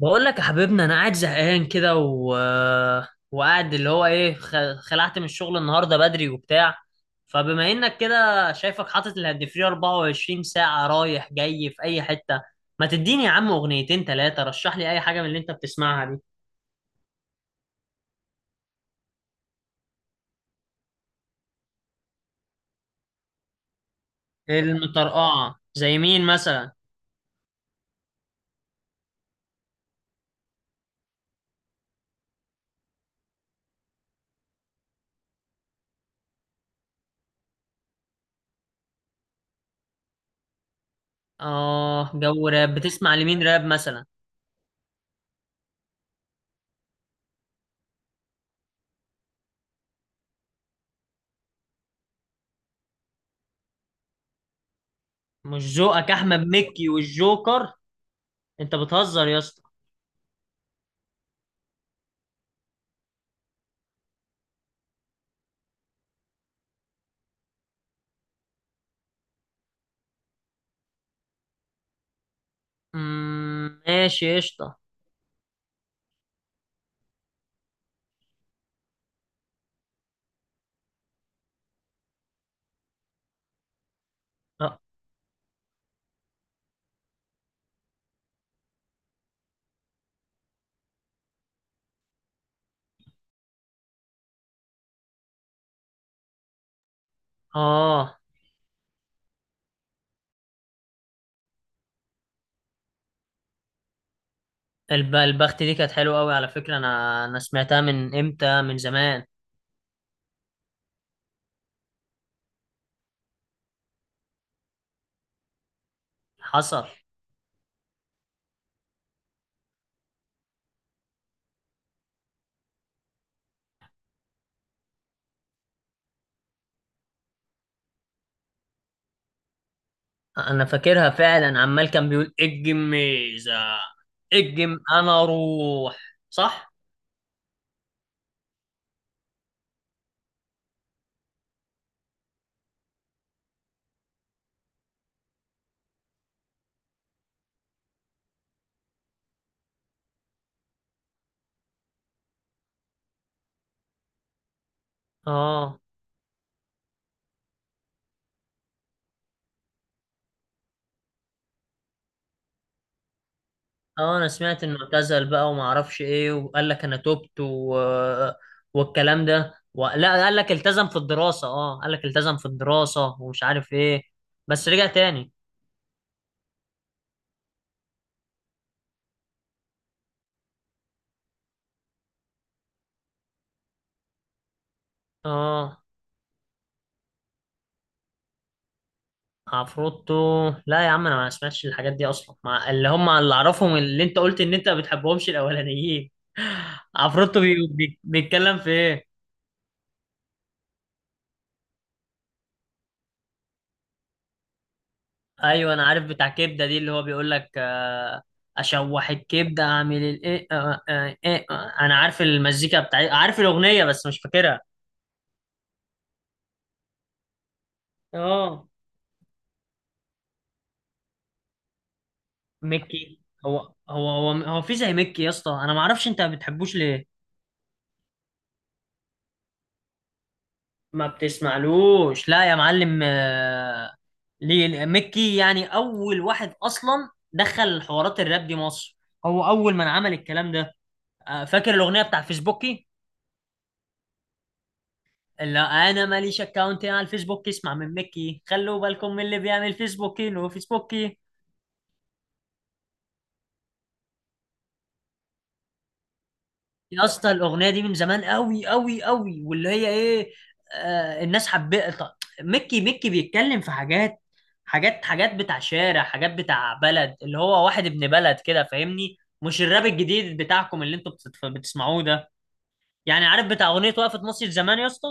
بقول لك يا حبيبنا، انا قاعد زهقان كده وقاعد اللي هو ايه، خلعت من الشغل النهارده بدري وبتاع. فبما انك كده شايفك حاطط الهاند فري 24 ساعه رايح جاي في اي حته، ما تديني يا عم اغنيتين ثلاثه، رشح لي اي حاجه من اللي انت بتسمعها دي. المطرقعه زي مين مثلا؟ اه، جو راب. بتسمع لمين راب مثلا؟ مش ذوقك احمد مكي والجوكر؟ انت بتهزر يا اسطى. ماشي قشطه. اه. آه. الب- البخت دي كانت حلوة أوي على فكرة، أنا سمعتها من إمتى، من زمان. حصل. أنا فاكرها فعلا، عمال كان بيقول اجم ميزة. اجم أنا أروح. صح؟ آه. آه، أنا سمعت إنه اعتزل بقى وما أعرفش إيه، وقال لك أنا تبت والكلام ده لا، قال لك التزم في الدراسة، آه قال لك التزم في الدراسة ومش عارف إيه. بس رجع تاني. آه. عفروتو؟ لا يا عم، انا ما اسمعش الحاجات دي اصلا، مع اللي هم اللي اعرفهم اللي انت قلت ان انت ما بتحبهمش الاولانيين. عفروتو بيتكلم في ايه؟ ايوه، انا عارف بتاع كبده دي اللي هو بيقول لك اشوح الكبده اعمل الايه، آه، آه، إيه، آه. انا عارف المزيكا بتاعي، عارف الاغنيه بس مش فاكرها. اه. ميكي؟ هو في زي ميكي يا اسطى، انا ما اعرفش انت ما بتحبوش ليه. ما بتسمعلوش؟ لا يا معلم. آه، ليه مكي يعني اول واحد اصلا دخل حوارات الراب دي مصر، هو اول من عمل الكلام ده. آه، فاكر الاغنيه بتاع فيسبوكي؟ اللي انا ماليش اكاونت على الفيسبوك، اسمع من مكي: خلوا بالكم من اللي بيعمل فيسبوكي لو فيسبوكي. يا اسطى الاغنيه دي من زمان قوي قوي قوي، واللي هي ايه، آه الناس حبت. ميكي بيتكلم في حاجات، حاجات بتاع شارع، حاجات بتاع بلد، اللي هو واحد ابن بلد كده فاهمني، مش الراب الجديد بتاعكم اللي انتوا بتسمعوه ده. يعني عارف بتاع اغنيه وقفت مصر زمان يا اسطى.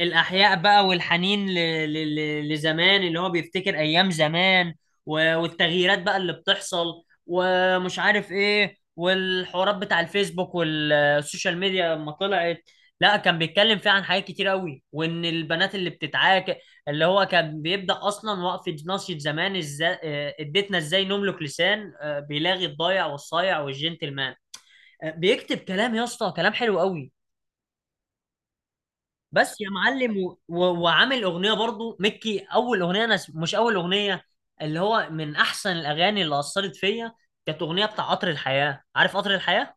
الأحياء بقى، والحنين لزمان، اللي هو بيفتكر أيام زمان والتغييرات بقى اللي بتحصل، ومش عارف إيه، والحوارات بتاع الفيسبوك والسوشيال ميديا لما طلعت. لا، كان بيتكلم فيها عن حاجات كتير قوي، وإن البنات اللي بتتعاك. اللي هو كان بيبدأ أصلا وقفة ناصية زمان إزاي، آه اديتنا إزاي نملك لسان، آه بيلاغي الضايع والصايع والجنتلمان. آه، بيكتب كلام يا اسطى، كلام حلو قوي. بس يا معلم وعامل اغنيه برضو ميكي، اول اغنيه انا مش اول اغنيه، اللي هو من احسن الاغاني اللي اثرت فيا، كانت اغنيه بتاع قطر الحياه. عارف قطر الحياه؟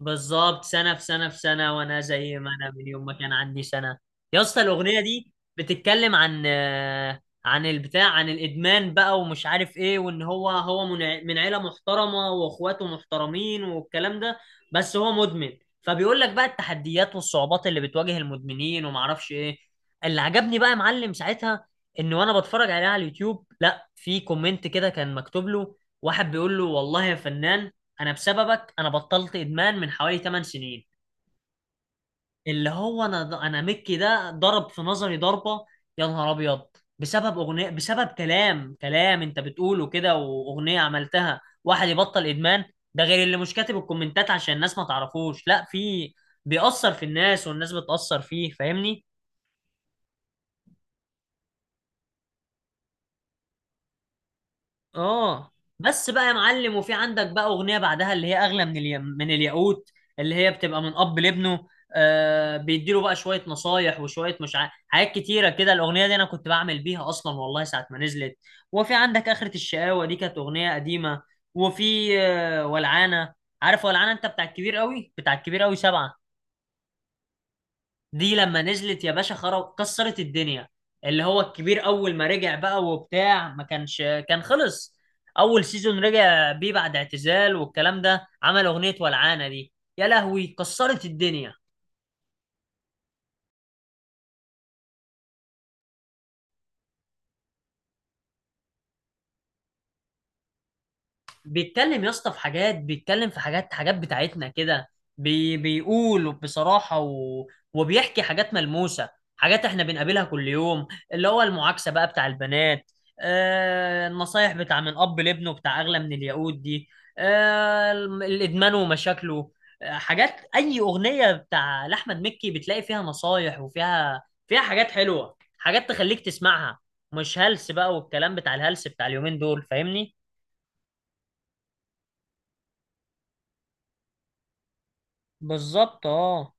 بالظبط، سنة في سنة في سنة وأنا زي ما أنا من يوم ما كان عندي سنة. يا اسطى الأغنية دي بتتكلم عن، عن البتاع، عن الإدمان بقى ومش عارف إيه، وإن هو من عيلة محترمة وإخواته محترمين والكلام ده، بس هو مدمن. فبيقول لك بقى التحديات والصعوبات اللي بتواجه المدمنين ومعرفش إيه. اللي عجبني بقى يا معلم ساعتها، إن وأنا بتفرج عليها على اليوتيوب، لا في كومنت كده كان مكتوب له، واحد بيقول له والله يا فنان، انا بسببك انا بطلت ادمان من حوالي 8 سنين. اللي هو انا مكي ده ضرب في نظري ضربة. يا نهار ابيض، بسبب اغنية، بسبب كلام، كلام انت بتقوله كده واغنية عملتها، واحد يبطل ادمان. ده غير اللي مش كاتب الكومنتات عشان الناس ما تعرفوش، لا في بيأثر في الناس والناس بتأثر فيه، فاهمني. اه. بس بقى يا معلم، وفي عندك بقى اغنيه بعدها اللي هي اغلى من اليم من الياقوت، اللي هي بتبقى من اب لابنه. آه بيديله بقى شويه نصايح وشويه مش عارف، حاجات كتيره كده. الاغنيه دي انا كنت بعمل بيها اصلا والله ساعه ما نزلت. وفي عندك اخره الشقاوه، دي كانت اغنيه قديمه. وفي آه ولعانه. عارف ولعانه؟ انت بتاع الكبير قوي، بتاع الكبير قوي سبعه. دي لما نزلت يا باشا، خرب، كسرت الدنيا. اللي هو الكبير اول ما رجع بقى وبتاع، ما كانش كان خلص، اول سيزون رجع بيه بعد اعتزال والكلام ده، عمل اغنية ولعانة دي. يا لهوي، كسرت الدنيا. بيتكلم يا اسطى في حاجات، بيتكلم في حاجات، حاجات بتاعتنا كده. بيقول بصراحة، وبيحكي حاجات ملموسة، حاجات احنا بنقابلها كل يوم، اللي هو المعاكسة بقى بتاع البنات، آه النصايح بتاع من أب لابنه بتاع أغلى من الياقوت دي، آه الإدمان ومشاكله. آه حاجات، أي أغنية بتاع لأحمد مكي بتلاقي فيها نصايح، وفيها فيها حاجات حلوة، حاجات تخليك تسمعها، مش هلس بقى والكلام بتاع الهلس بتاع اليومين دول، فاهمني. بالظبط اه.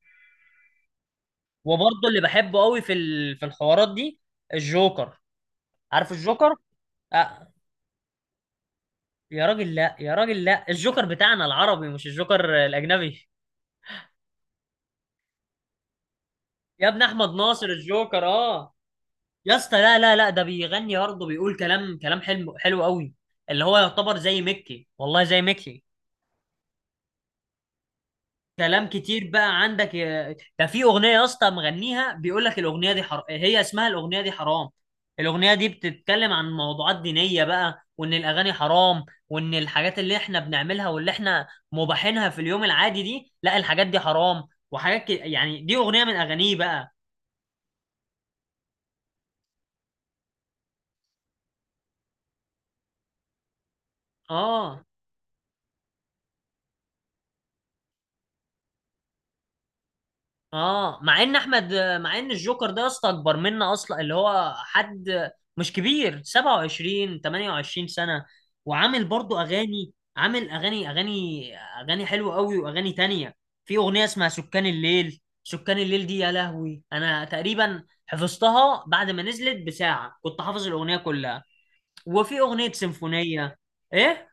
وبرضه اللي بحبه قوي في الحوارات دي، الجوكر. عارف الجوكر؟ آه. يا راجل لا، يا راجل لا، الجوكر بتاعنا العربي مش الجوكر الاجنبي، يا ابن احمد ناصر الجوكر. اه. يا اسطى لا لا لا، ده بيغني برضه، بيقول كلام كلام حلو حلو قوي. اللي هو يعتبر زي ميكي، والله زي ميكي. كلام كتير بقى عندك ده في اغنيه يا اسطى مغنيها بيقول لك الاغنيه دي حرام، هي اسمها الاغنيه دي حرام. الاغنيه دي بتتكلم عن موضوعات دينيه بقى، وان الاغاني حرام، وان الحاجات اللي احنا بنعملها واللي احنا مباحينها في اليوم العادي دي، لا الحاجات دي حرام، وحاجات يعني دي اغنيه من اغانيه بقى. اه اه، مع ان الجوكر ده يا اسطى اكبر منا اصلا، اللي هو حد مش كبير، 27 28 سنه، وعامل برضو اغاني، عامل اغاني اغاني حلوه قوي واغاني تانية. في اغنيه اسمها سكان الليل. سكان الليل دي يا لهوي، انا تقريبا حفظتها بعد ما نزلت بساعه، كنت حافظ الاغنيه كلها. وفي اغنيه سيمفونيه. ايه؟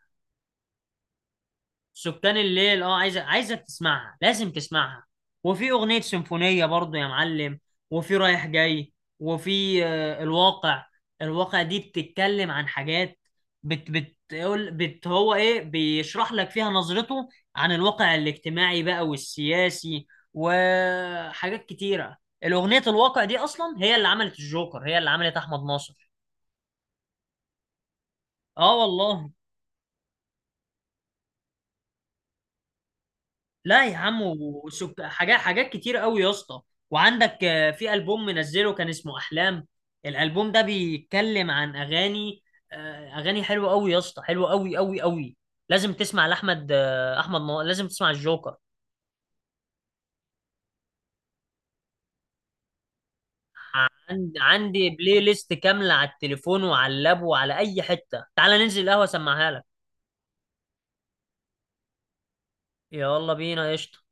سكان الليل؟ اه، عايزه تسمعها، لازم تسمعها. وفي اغنيه سيمفونيه برضو يا معلم، وفي رايح جاي، وفي آه الواقع. الواقع دي بتتكلم عن حاجات، بت بتقول بت هو ايه، بيشرح لك فيها نظرته عن الواقع الاجتماعي بقى والسياسي، وحاجات كتيره. الاغنيه الواقع دي اصلا هي اللي عملت الجوكر، هي اللي عملت احمد ناصر. اه والله. لا يا عم، حاجات كتير قوي يا اسطى. وعندك آه، في ألبوم منزله كان اسمه أحلام، الألبوم ده بيتكلم عن أغاني، آه أغاني حلوة قوي يا اسطى، حلوة قوي قوي قوي. لازم تسمع لأحمد، لازم تسمع الجوكر. عندي بلاي ليست كاملة على التليفون وعلى اللاب وعلى أي حتة، تعال ننزل القهوة أسمعها لك. يلا بينا قشطة.